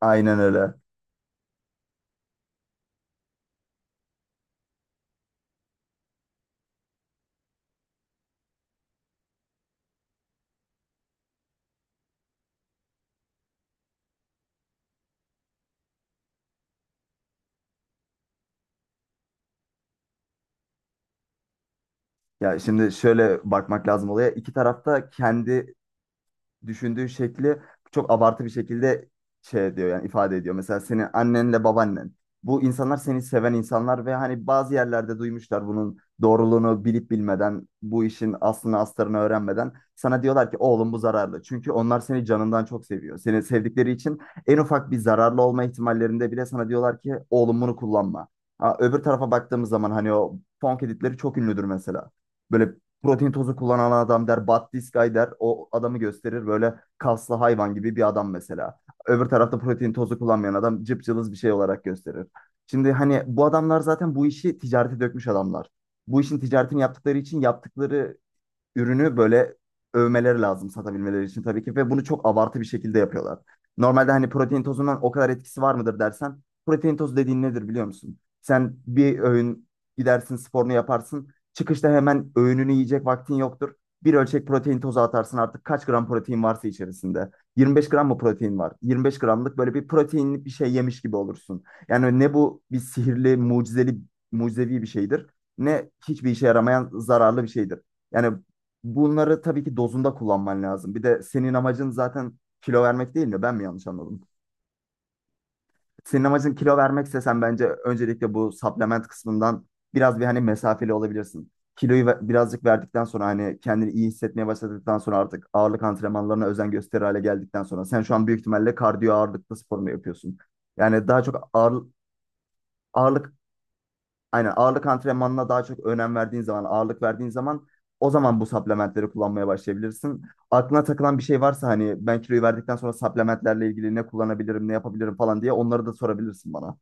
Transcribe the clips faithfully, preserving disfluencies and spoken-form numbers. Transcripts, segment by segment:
Aynen öyle. Ya şimdi şöyle bakmak lazım olaya. İki tarafta kendi düşündüğü şekli çok abartı bir şekilde şey diyor yani ifade ediyor. Mesela senin annenle babaannen. Bu insanlar seni seven insanlar ve hani bazı yerlerde duymuşlar bunun doğruluğunu bilip bilmeden, bu işin aslını astarını öğrenmeden sana diyorlar ki oğlum bu zararlı. Çünkü onlar seni canından çok seviyor. Seni sevdikleri için en ufak bir zararlı olma ihtimallerinde bile sana diyorlar ki oğlum bunu kullanma. Ha, öbür tarafa baktığımız zaman hani o funk editleri çok ünlüdür mesela. Böyle protein tozu kullanan adam der, Battiskay der. O adamı gösterir böyle kaslı hayvan gibi bir adam mesela. Öbür tarafta protein tozu kullanmayan adam cıpcılız bir şey olarak gösterir. Şimdi hani bu adamlar zaten bu işi ticarete dökmüş adamlar. Bu işin ticaretini yaptıkları için yaptıkları ürünü böyle övmeleri lazım satabilmeleri için tabii ki, ve bunu çok abartı bir şekilde yapıyorlar. Normalde hani protein tozundan o kadar etkisi var mıdır dersen, protein tozu dediğin nedir biliyor musun? Sen bir öğün gidersin, sporunu yaparsın, çıkışta hemen öğününü yiyecek vaktin yoktur. Bir ölçek protein tozu atarsın artık, kaç gram protein varsa içerisinde. yirmi beş gram mı protein var? yirmi beş gramlık böyle bir proteinli bir şey yemiş gibi olursun. Yani ne bu bir sihirli, mucizeli, mucizevi bir şeydir, ne hiçbir işe yaramayan zararlı bir şeydir. Yani bunları tabii ki dozunda kullanman lazım. Bir de senin amacın zaten kilo vermek değil mi? Ben mi yanlış anladım? Senin amacın kilo vermekse, sen bence öncelikle bu supplement kısmından biraz bir hani mesafeli olabilirsin. Kiloyu ve- birazcık verdikten sonra, hani kendini iyi hissetmeye başladıktan sonra, artık ağırlık antrenmanlarına özen gösterir hale geldikten sonra, sen şu an büyük ihtimalle kardiyo ağırlıklı spor mu yapıyorsun? Yani daha çok ağır, ağırlık. Aynen, ağırlık antrenmanına daha çok önem verdiğin zaman, ağırlık verdiğin zaman, o zaman bu supplementleri kullanmaya başlayabilirsin. Aklına takılan bir şey varsa, hani ben kiloyu verdikten sonra supplementlerle ilgili ne kullanabilirim, ne yapabilirim falan diye, onları da sorabilirsin bana.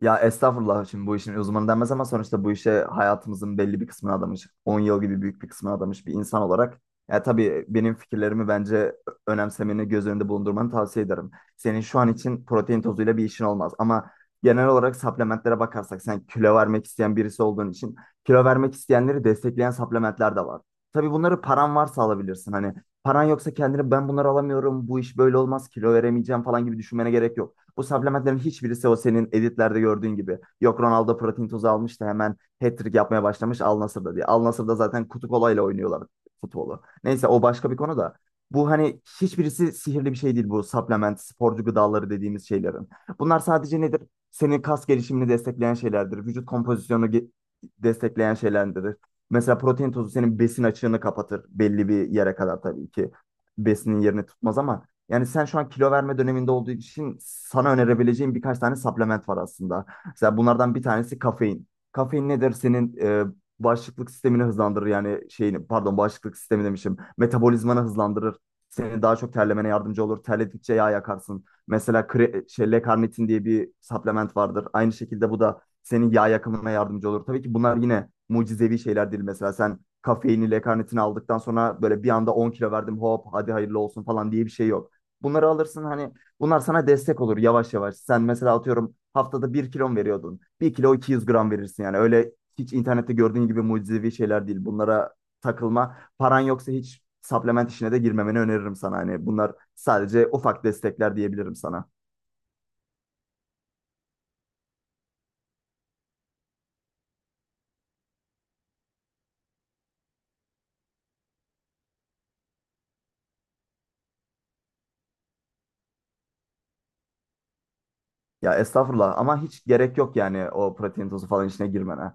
Ya estağfurullah, şimdi bu işin uzmanı denmez ama sonuçta bu işe hayatımızın belli bir kısmını adamış, on yıl gibi büyük bir kısmını adamış bir insan olarak, ya tabii benim fikirlerimi bence önemsemeni, göz önünde bulundurmanı tavsiye ederim. Senin şu an için protein tozuyla bir işin olmaz ama genel olarak supplementlere bakarsak, sen kilo vermek isteyen birisi olduğun için kilo vermek isteyenleri destekleyen supplementler de var. Tabii bunları paran varsa alabilirsin. Hani paran yoksa kendini, ben bunları alamıyorum, bu iş böyle olmaz, kilo veremeyeceğim falan gibi düşünmene gerek yok. Bu supplementlerin hiçbirisi o senin editlerde gördüğün gibi. Yok Ronaldo protein tozu almış da hemen hat-trick yapmaya başlamış Al Nassr'da diye. Al Nassr'da zaten kutu kolayla oynuyorlar futbolu. Neyse, o başka bir konu da. Bu hani hiçbirisi sihirli bir şey değil, bu supplement, sporcu gıdaları dediğimiz şeylerin. Bunlar sadece nedir? Senin kas gelişimini destekleyen şeylerdir. Vücut kompozisyonu ge- destekleyen şeylerdir. Mesela protein tozu senin besin açığını kapatır belli bir yere kadar, tabii ki. Besinin yerini tutmaz ama yani sen şu an kilo verme döneminde olduğu için sana önerebileceğim birkaç tane supplement var aslında. Mesela bunlardan bir tanesi kafein. Kafein nedir? Senin e, bağışıklık sistemini hızlandırır. Yani şeyini, pardon, bağışıklık sistemi demişim. Metabolizmanı hızlandırır. Seni daha çok terlemene yardımcı olur. Terledikçe yağ yakarsın. Mesela kre, şey, L-karnitin diye bir supplement vardır. Aynı şekilde bu da senin yağ yakımına yardımcı olur. Tabii ki bunlar yine mucizevi şeyler değil. Mesela sen kafeini, L-karnitini aldıktan sonra böyle bir anda on kilo verdim, hop hadi hayırlı olsun falan diye bir şey yok. Bunları alırsın, hani bunlar sana destek olur yavaş yavaş. Sen mesela atıyorum haftada bir kilon veriyordun, bir kilo iki yüz gram verirsin yani. Öyle hiç internette gördüğün gibi mucizevi şeyler değil. Bunlara takılma. Paran yoksa hiç supplement işine de girmemeni öneririm sana. Hani bunlar sadece ufak destekler diyebilirim sana. Ya estağfurullah, ama hiç gerek yok yani o protein tozu falan işine girmene.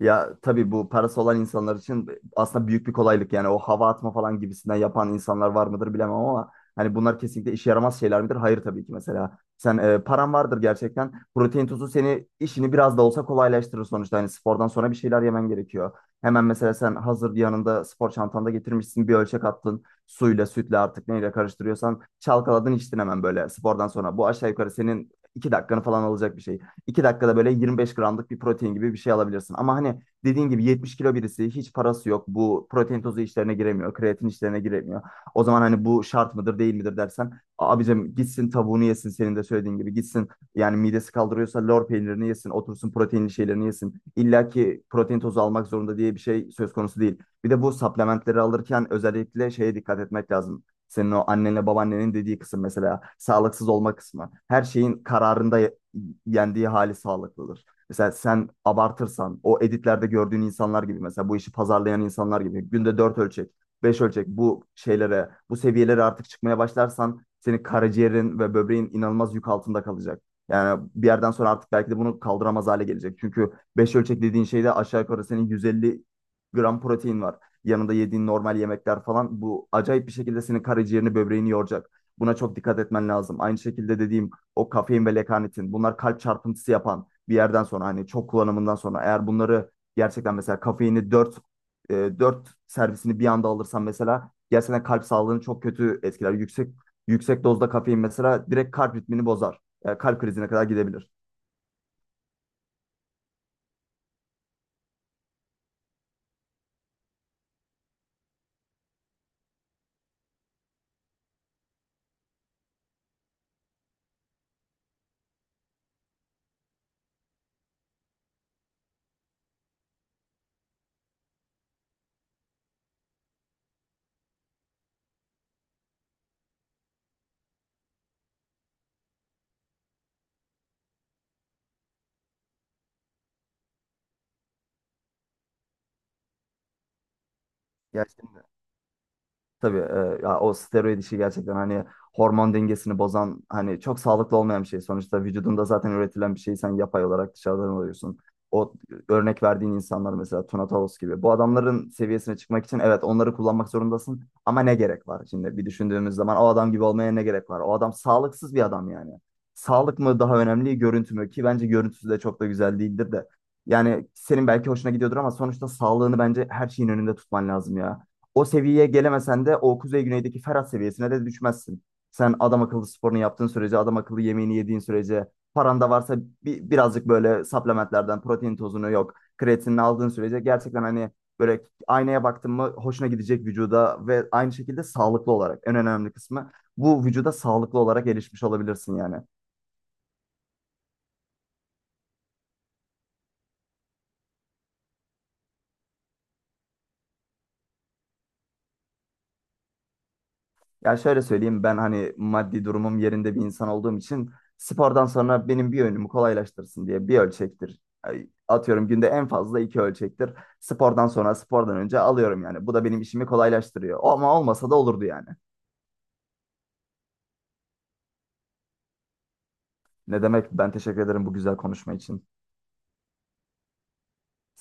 Ya tabii bu parası olan insanlar için aslında büyük bir kolaylık. Yani o hava atma falan gibisinden yapan insanlar var mıdır bilemem ama hani bunlar kesinlikle işe yaramaz şeyler midir? Hayır, tabii ki. Mesela sen e, paran vardır gerçekten, protein tozu seni, işini biraz da olsa kolaylaştırır sonuçta. Hani spordan sonra bir şeyler yemen gerekiyor. Hemen mesela sen hazır yanında spor çantanda getirmişsin, bir ölçek attın. Suyla, sütle artık neyle karıştırıyorsan, çalkaladın içtin hemen böyle spordan sonra. Bu aşağı yukarı senin iki dakikanı falan alacak bir şey, iki dakikada böyle yirmi beş gramlık bir protein gibi bir şey alabilirsin. Ama hani dediğin gibi, yetmiş kilo birisi, hiç parası yok, bu protein tozu işlerine giremiyor, kreatin işlerine giremiyor, o zaman hani bu şart mıdır değil midir dersen, abicim gitsin tavuğunu yesin, senin de söylediğin gibi, gitsin yani midesi kaldırıyorsa lor peynirini yesin, otursun proteinli şeylerini yesin. İlla ki protein tozu almak zorunda diye bir şey söz konusu değil. Bir de bu supplementleri alırken özellikle şeye dikkat etmek lazım. Senin o annenle babaannenin dediği kısım, mesela sağlıksız olma kısmı. Her şeyin kararında yendiği hali sağlıklıdır. Mesela sen abartırsan, o editlerde gördüğün insanlar gibi, mesela bu işi pazarlayan insanlar gibi günde dört ölçek, beş ölçek, bu şeylere, bu seviyelere artık çıkmaya başlarsan, senin karaciğerin ve böbreğin inanılmaz yük altında kalacak. Yani bir yerden sonra artık belki de bunu kaldıramaz hale gelecek. Çünkü beş ölçek dediğin şeyde aşağı yukarı senin yüz elli gram protein var. Yanında yediğin normal yemekler falan, bu acayip bir şekilde senin karaciğerini, böbreğini yoracak. Buna çok dikkat etmen lazım. Aynı şekilde dediğim o kafein ve lekanitin, bunlar kalp çarpıntısı yapan, bir yerden sonra hani çok kullanımından sonra, eğer bunları gerçekten, mesela kafeini 4 dört servisini bir anda alırsan mesela, gerçekten kalp sağlığını çok kötü etkiler. Yüksek yüksek dozda kafein mesela direkt kalp ritmini bozar. Yani kalp krizine kadar gidebilir. Ya şimdi, tabii, e, ya o steroid işi gerçekten hani hormon dengesini bozan, hani çok sağlıklı olmayan bir şey. Sonuçta vücudunda zaten üretilen bir şeyi sen yapay olarak dışarıdan alıyorsun. O örnek verdiğin insanlar, mesela Tuna Tavus gibi. Bu adamların seviyesine çıkmak için evet onları kullanmak zorundasın, ama ne gerek var? Şimdi bir düşündüğümüz zaman, o adam gibi olmaya ne gerek var? O adam sağlıksız bir adam yani. Sağlık mı daha önemli, görüntü mü? Ki bence görüntüsü de çok da güzel değildir de. Yani senin belki hoşuna gidiyordur ama sonuçta sağlığını bence her şeyin önünde tutman lazım ya. O seviyeye gelemesen de o Kuzey Güney'deki Ferhat seviyesine de düşmezsin. Sen adam akıllı sporunu yaptığın sürece, adam akıllı yemeğini yediğin sürece, paran da varsa bir, birazcık böyle supplementlerden, protein tozunu, yok, kreatinini aldığın sürece, gerçekten hani böyle aynaya baktın mı hoşuna gidecek vücuda, ve aynı şekilde sağlıklı olarak, en önemli kısmı bu, vücuda sağlıklı olarak erişmiş olabilirsin yani. Ya şöyle söyleyeyim, ben hani maddi durumum yerinde bir insan olduğum için spordan sonra benim bir, önümü kolaylaştırsın diye bir ölçektir. Ay, Atıyorum günde en fazla iki ölçektir. Spordan sonra, spordan önce alıyorum yani. Bu da benim işimi kolaylaştırıyor. Ama olmasa da olurdu yani. Ne demek, ben teşekkür ederim bu güzel konuşma için.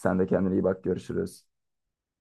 Sen de kendine iyi bak, görüşürüz.